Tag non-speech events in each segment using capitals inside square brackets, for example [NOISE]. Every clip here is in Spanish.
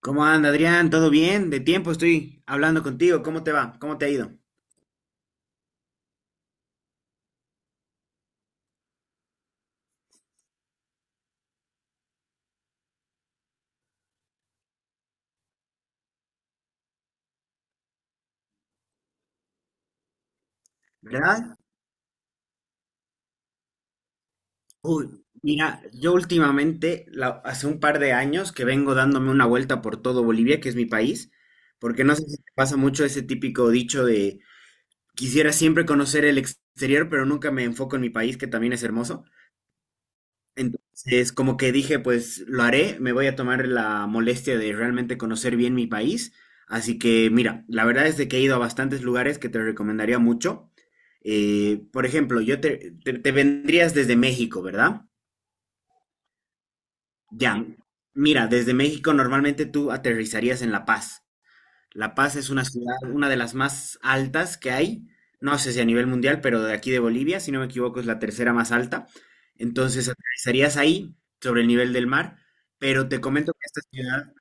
¿Cómo anda, Adrián? ¿Todo bien? De tiempo estoy hablando contigo. ¿Cómo te va? ¿Cómo te ha ido? ¿Verdad? Uy, mira, yo últimamente, hace un par de años que vengo dándome una vuelta por todo Bolivia, que es mi país, porque no sé si te pasa mucho ese típico dicho de quisiera siempre conocer el exterior, pero nunca me enfoco en mi país, que también es hermoso. Entonces, como que dije, pues lo haré, me voy a tomar la molestia de realmente conocer bien mi país. Así que, mira, la verdad es de que he ido a bastantes lugares que te recomendaría mucho. Por ejemplo, yo te vendrías desde México, ¿verdad? Ya. Mira, desde México normalmente tú aterrizarías en La Paz. La Paz es una ciudad, una de las más altas que hay, no sé si a nivel mundial, pero de aquí de Bolivia, si no me equivoco, es la tercera más alta. Entonces aterrizarías ahí, sobre el nivel del mar, pero te comento que esta ciudad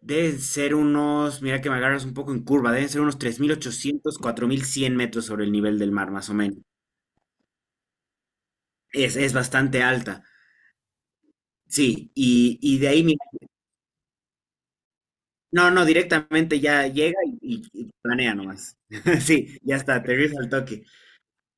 debe ser unos, mira que me agarras un poco en curva, deben ser unos 3.800, 4.100 metros sobre el nivel del mar, más o menos. Es bastante alta, sí, y de ahí, mira, no, no, directamente ya llega y planea nomás. [LAUGHS] Sí, ya está, aterriza al toque.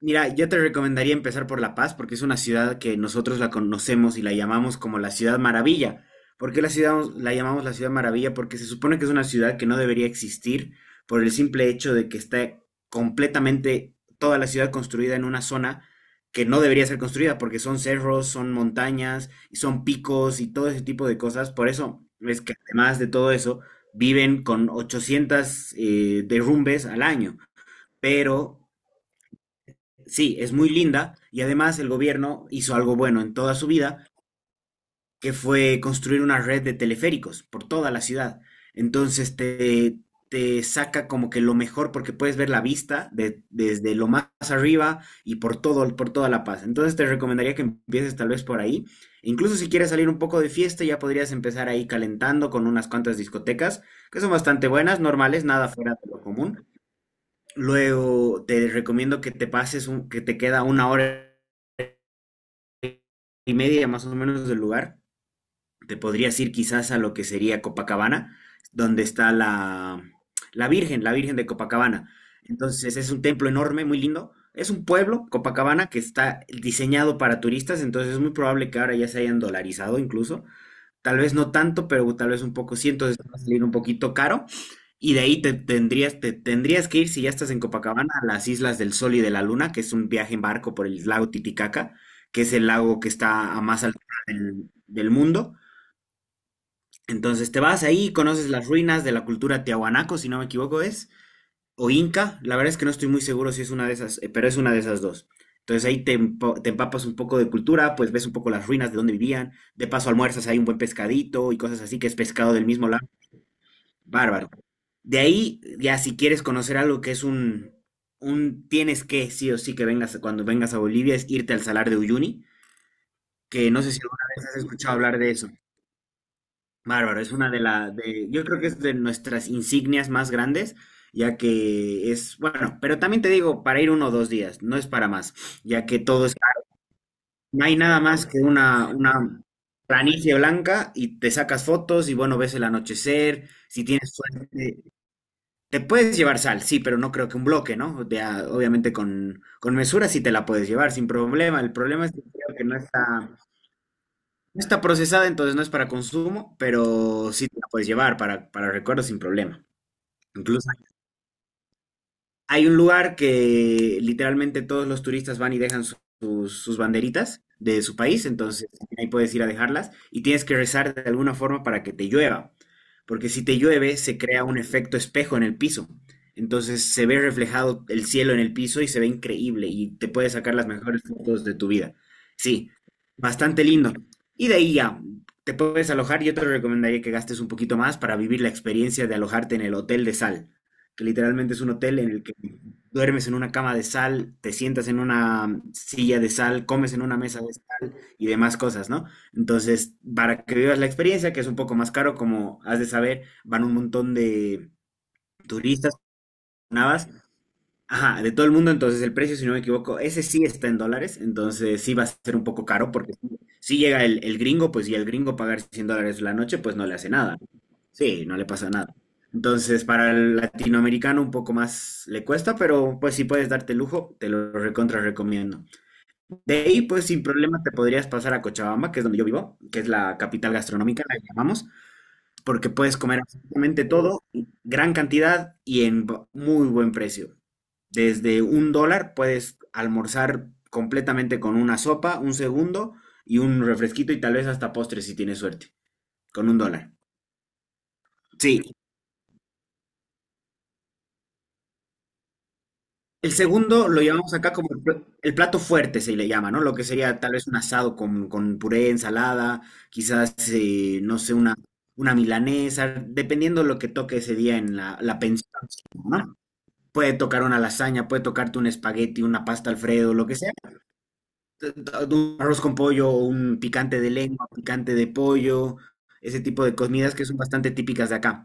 Mira, yo te recomendaría empezar por La Paz porque es una ciudad que nosotros la conocemos y la llamamos como la Ciudad Maravilla. ¿Por qué la ciudad la llamamos la Ciudad Maravilla? Porque se supone que es una ciudad que no debería existir por el simple hecho de que está completamente toda la ciudad construida en una zona que no debería ser construida porque son cerros, son montañas y son picos y todo ese tipo de cosas. Por eso es que además de todo eso viven con 800 derrumbes al año pero. Sí, es muy linda y además el gobierno hizo algo bueno en toda su vida, que fue construir una red de teleféricos por toda la ciudad. Entonces te saca como que lo mejor porque puedes ver la vista desde lo más arriba y por todo, por toda La Paz. Entonces te recomendaría que empieces tal vez por ahí. E incluso si quieres salir un poco de fiesta, ya podrías empezar ahí calentando con unas cuantas discotecas que son bastante buenas, normales, nada fuera de lo común. Luego te recomiendo que te pases, que te queda una hora y media más o menos del lugar. Te podrías ir quizás a lo que sería Copacabana, donde está la Virgen de Copacabana. Entonces es un templo enorme, muy lindo. Es un pueblo, Copacabana, que está diseñado para turistas, entonces es muy probable que ahora ya se hayan dolarizado incluso. Tal vez no tanto, pero tal vez un poco sí, entonces te va a salir un poquito caro. Y de ahí te tendrías que ir, si ya estás en Copacabana, a las Islas del Sol y de la Luna, que es un viaje en barco por el lago Titicaca, que es el lago que está a más altura del mundo. Entonces te vas ahí, conoces las ruinas de la cultura tiahuanaco, si no me equivoco es, o Inca, la verdad es que no estoy muy seguro si es una de esas, pero es una de esas dos. Entonces ahí te empapas un poco de cultura, pues ves un poco las ruinas de donde vivían, de paso almuerzas, hay un buen pescadito y cosas así, que es pescado del mismo lado, bárbaro. De ahí, ya si quieres conocer algo que es un tienes que, sí o sí, que vengas, cuando vengas a Bolivia, es irte al Salar de Uyuni, que no sé si alguna vez has escuchado hablar de eso. Bárbaro, es una de las, de, yo creo que es de nuestras insignias más grandes, ya que es, bueno, pero también te digo, para ir uno o dos días, no es para más, ya que todo es, no hay nada más que una planicie blanca y te sacas fotos y bueno, ves el anochecer, si tienes suerte, te puedes llevar sal, sí, pero no creo que un bloque, ¿no? De a- obviamente con mesura sí te la puedes llevar sin problema, el problema es que creo que no está... No está procesada, entonces no es para consumo, pero sí te la puedes llevar para recuerdos sin problema. Incluso hay un lugar que literalmente todos los turistas van y dejan sus banderitas de su país, entonces ahí puedes ir a dejarlas y tienes que rezar de alguna forma para que te llueva, porque si te llueve se crea un efecto espejo en el piso, entonces se ve reflejado el cielo en el piso y se ve increíble y te puedes sacar las mejores fotos de tu vida. Sí, bastante lindo. Y de ahí ya, te puedes alojar, yo te recomendaría que gastes un poquito más para vivir la experiencia de alojarte en el Hotel de Sal, que literalmente es un hotel en el que duermes en una cama de sal, te sientas en una silla de sal, comes en una mesa de sal y demás cosas, ¿no? Entonces, para que vivas la experiencia, que es un poco más caro, como has de saber, van un montón de turistas, navas. Ajá, de todo el mundo, entonces el precio, si no me equivoco, ese sí está en dólares, entonces sí va a ser un poco caro, porque si llega el gringo, pues y el gringo pagar $100 la noche, pues no le hace nada. Sí, no le pasa nada. Entonces, para el latinoamericano un poco más le cuesta, pero pues si puedes darte lujo, te lo recontra recomiendo. De ahí, pues sin problema te podrías pasar a Cochabamba, que es donde yo vivo, que es la capital gastronómica, la llamamos, porque puedes comer absolutamente todo, gran cantidad y en muy buen precio. Desde $1 puedes almorzar completamente con una sopa, un segundo y un refresquito y tal vez hasta postre si tienes suerte, con $1. Sí, el segundo lo llamamos acá como el el plato fuerte, se le llama, ¿no? Lo que sería tal vez un asado con puré, ensalada, quizás, no sé, una milanesa, dependiendo lo que toque ese día en la pensión, ¿no? Puede tocar una lasaña, puede tocarte un espagueti, una pasta Alfredo, lo que sea. Un arroz con pollo, un picante de lengua, picante de pollo, ese tipo de comidas que son bastante típicas de acá.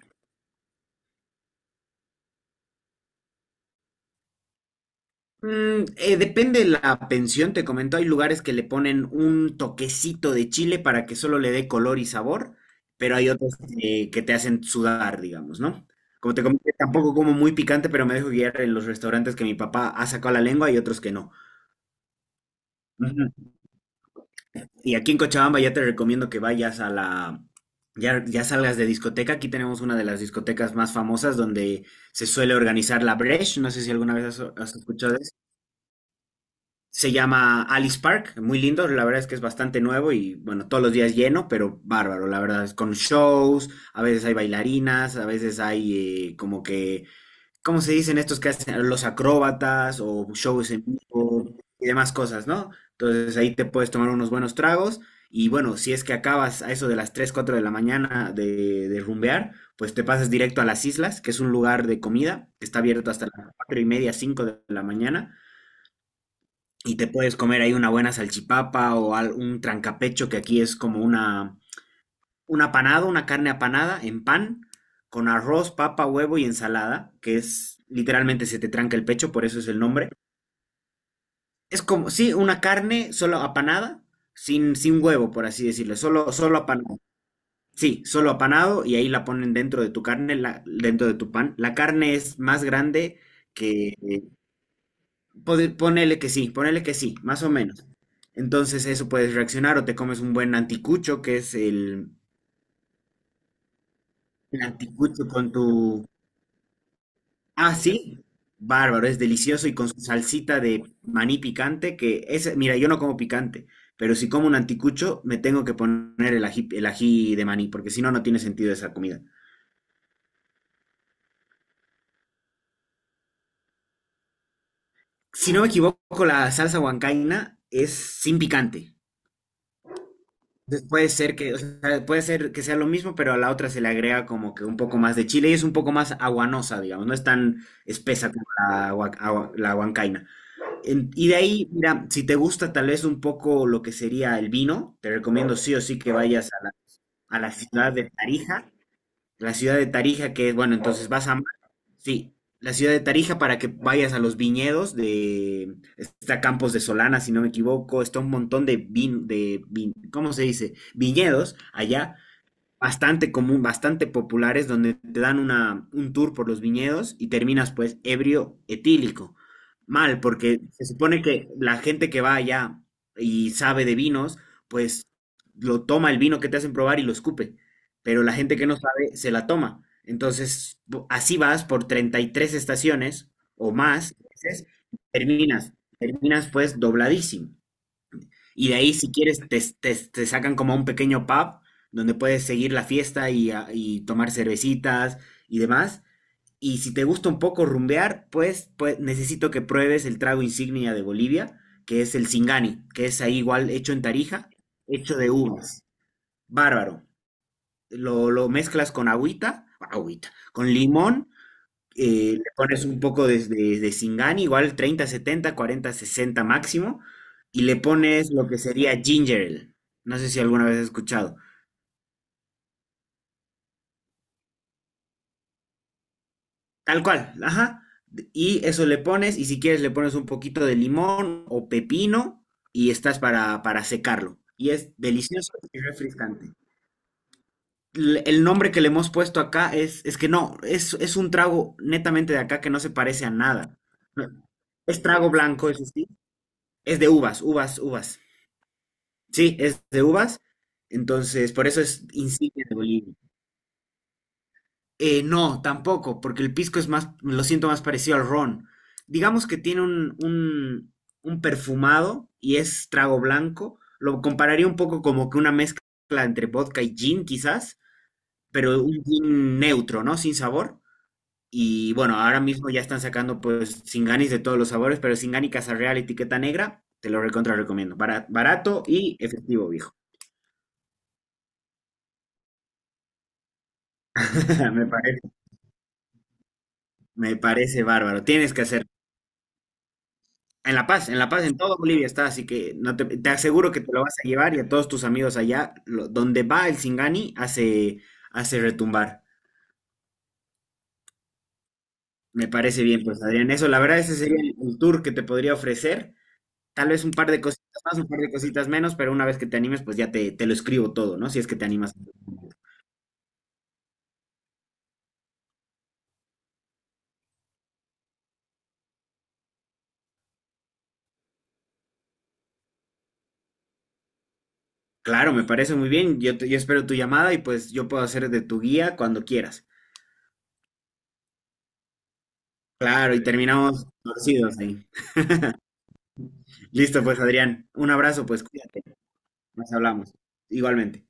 Depende de la pensión, te comento, hay lugares que le ponen un toquecito de chile para que solo le dé color y sabor, pero hay otros que te hacen sudar, digamos, ¿no? Como te comenté, tampoco como muy picante, pero me dejo guiar en los restaurantes que mi papá ha sacado la lengua y otros que no. Y aquí en Cochabamba ya te recomiendo que vayas a ya, ya salgas de discoteca. Aquí tenemos una de las discotecas más famosas donde se suele organizar la Bresh. No sé si alguna vez has escuchado de eso. Se llama Alice Park, muy lindo. La verdad es que es bastante nuevo y bueno, todos los días lleno, pero bárbaro. La verdad es con shows, a veces hay bailarinas, a veces hay como que ¿cómo se dicen estos que hacen los acróbatas o shows en vivo y demás cosas, ¿no? Entonces ahí te puedes tomar unos buenos tragos y bueno, si es que acabas a eso de las 3, 4 de la mañana de rumbear, pues te pasas directo a las islas, que es un lugar de comida, que está abierto hasta las 4 y media, 5 de la mañana y te puedes comer ahí una buena salchipapa o un trancapecho que aquí es como una un apanado, una carne apanada en pan, con arroz, papa, huevo y ensalada, que es literalmente se te tranca el pecho, por eso es el nombre. Es como, sí, una carne solo apanada, sin huevo, por así decirlo, solo, solo apanado. Sí, solo apanado y ahí la ponen dentro de tu carne, dentro de tu pan. La carne es más grande que... ponele que sí, más o menos. Entonces eso puedes reaccionar o te comes un buen anticucho, que es el anticucho con tu, Ah, sí. Bárbaro, es delicioso y con su salsita de maní picante, que es, mira, yo no como picante, pero si como un anticucho me tengo que poner el ají de maní, porque si no, no tiene sentido esa comida. Si no me equivoco, la salsa huancaína es sin picante. Entonces, puede ser que sea lo mismo, pero a la otra se le agrega como que un poco más de chile y es un poco más aguanosa, digamos, no es tan espesa como la huancaína. Y de ahí, mira, si te gusta tal vez un poco lo que sería el vino, te recomiendo sí o sí que vayas a la ciudad de Tarija. La ciudad de Tarija, que es, bueno, sí, la ciudad de Tarija para que vayas a los viñedos de, está Campos de Solana, si no me equivoco, está un montón de ¿cómo se dice? Viñedos allá bastante común, bastante populares, donde te dan un tour por los viñedos y terminas pues ebrio etílico. Mal, porque se supone que la gente que va allá y sabe de vinos, pues lo toma el vino que te hacen probar y lo escupe, pero la gente que no sabe se la toma. Entonces, así vas por 33 estaciones o más, veces, terminas, terminas pues dobladísimo. Y de ahí, si quieres, te sacan como a un pequeño pub donde puedes seguir la fiesta y tomar cervecitas y demás. Y si te gusta un poco rumbear, pues necesito que pruebes el trago insignia de Bolivia, que es el Singani, que es ahí igual hecho en Tarija, hecho de uvas. Bárbaro. Lo mezclas con agüita, agüita, con limón, le pones un poco de Singani, igual 30 70 40 60 máximo, y le pones lo que sería ginger ale. No sé si alguna vez has escuchado. Tal cual, ajá. Y eso le pones, y si quieres le pones un poquito de limón o pepino, y estás para secarlo. Y es delicioso y refrescante. El nombre que le hemos puesto acá es que no, es un trago netamente de acá que no se parece a nada. No, es trago blanco, eso sí. Es de uvas, uvas, uvas. Sí, es de uvas, entonces por eso es insignia de Bolivia. No, tampoco, porque el pisco es más, lo siento más parecido al ron. Digamos que tiene un perfumado y es trago blanco. Lo compararía un poco como que una mezcla entre vodka y gin, quizás, pero un gin neutro, ¿no? Sin sabor. Y bueno, ahora mismo ya están sacando pues Singanis de todos los sabores, pero Singani Casa Real, etiqueta negra, te lo recontra recomiendo. Barato, y efectivo, viejo. [LAUGHS] Me parece. Me parece bárbaro. Tienes que hacer. En La Paz, en La Paz, en toda Bolivia está, así que no te aseguro que te lo vas a llevar y a todos tus amigos allá, donde va el Singani, hace retumbar. Me parece bien, pues Adrián. Eso, la verdad, ese sería el tour que te podría ofrecer. Tal vez un par de cositas más, un par de cositas menos, pero una vez que te animes, pues ya te lo escribo todo, ¿no? Si es que te animas. Claro, me parece muy bien. Yo espero tu llamada y pues yo puedo hacer de tu guía cuando quieras. Claro, y terminamos torcidos ahí. Listo, pues Adrián, un abrazo, pues cuídate, nos hablamos, igualmente.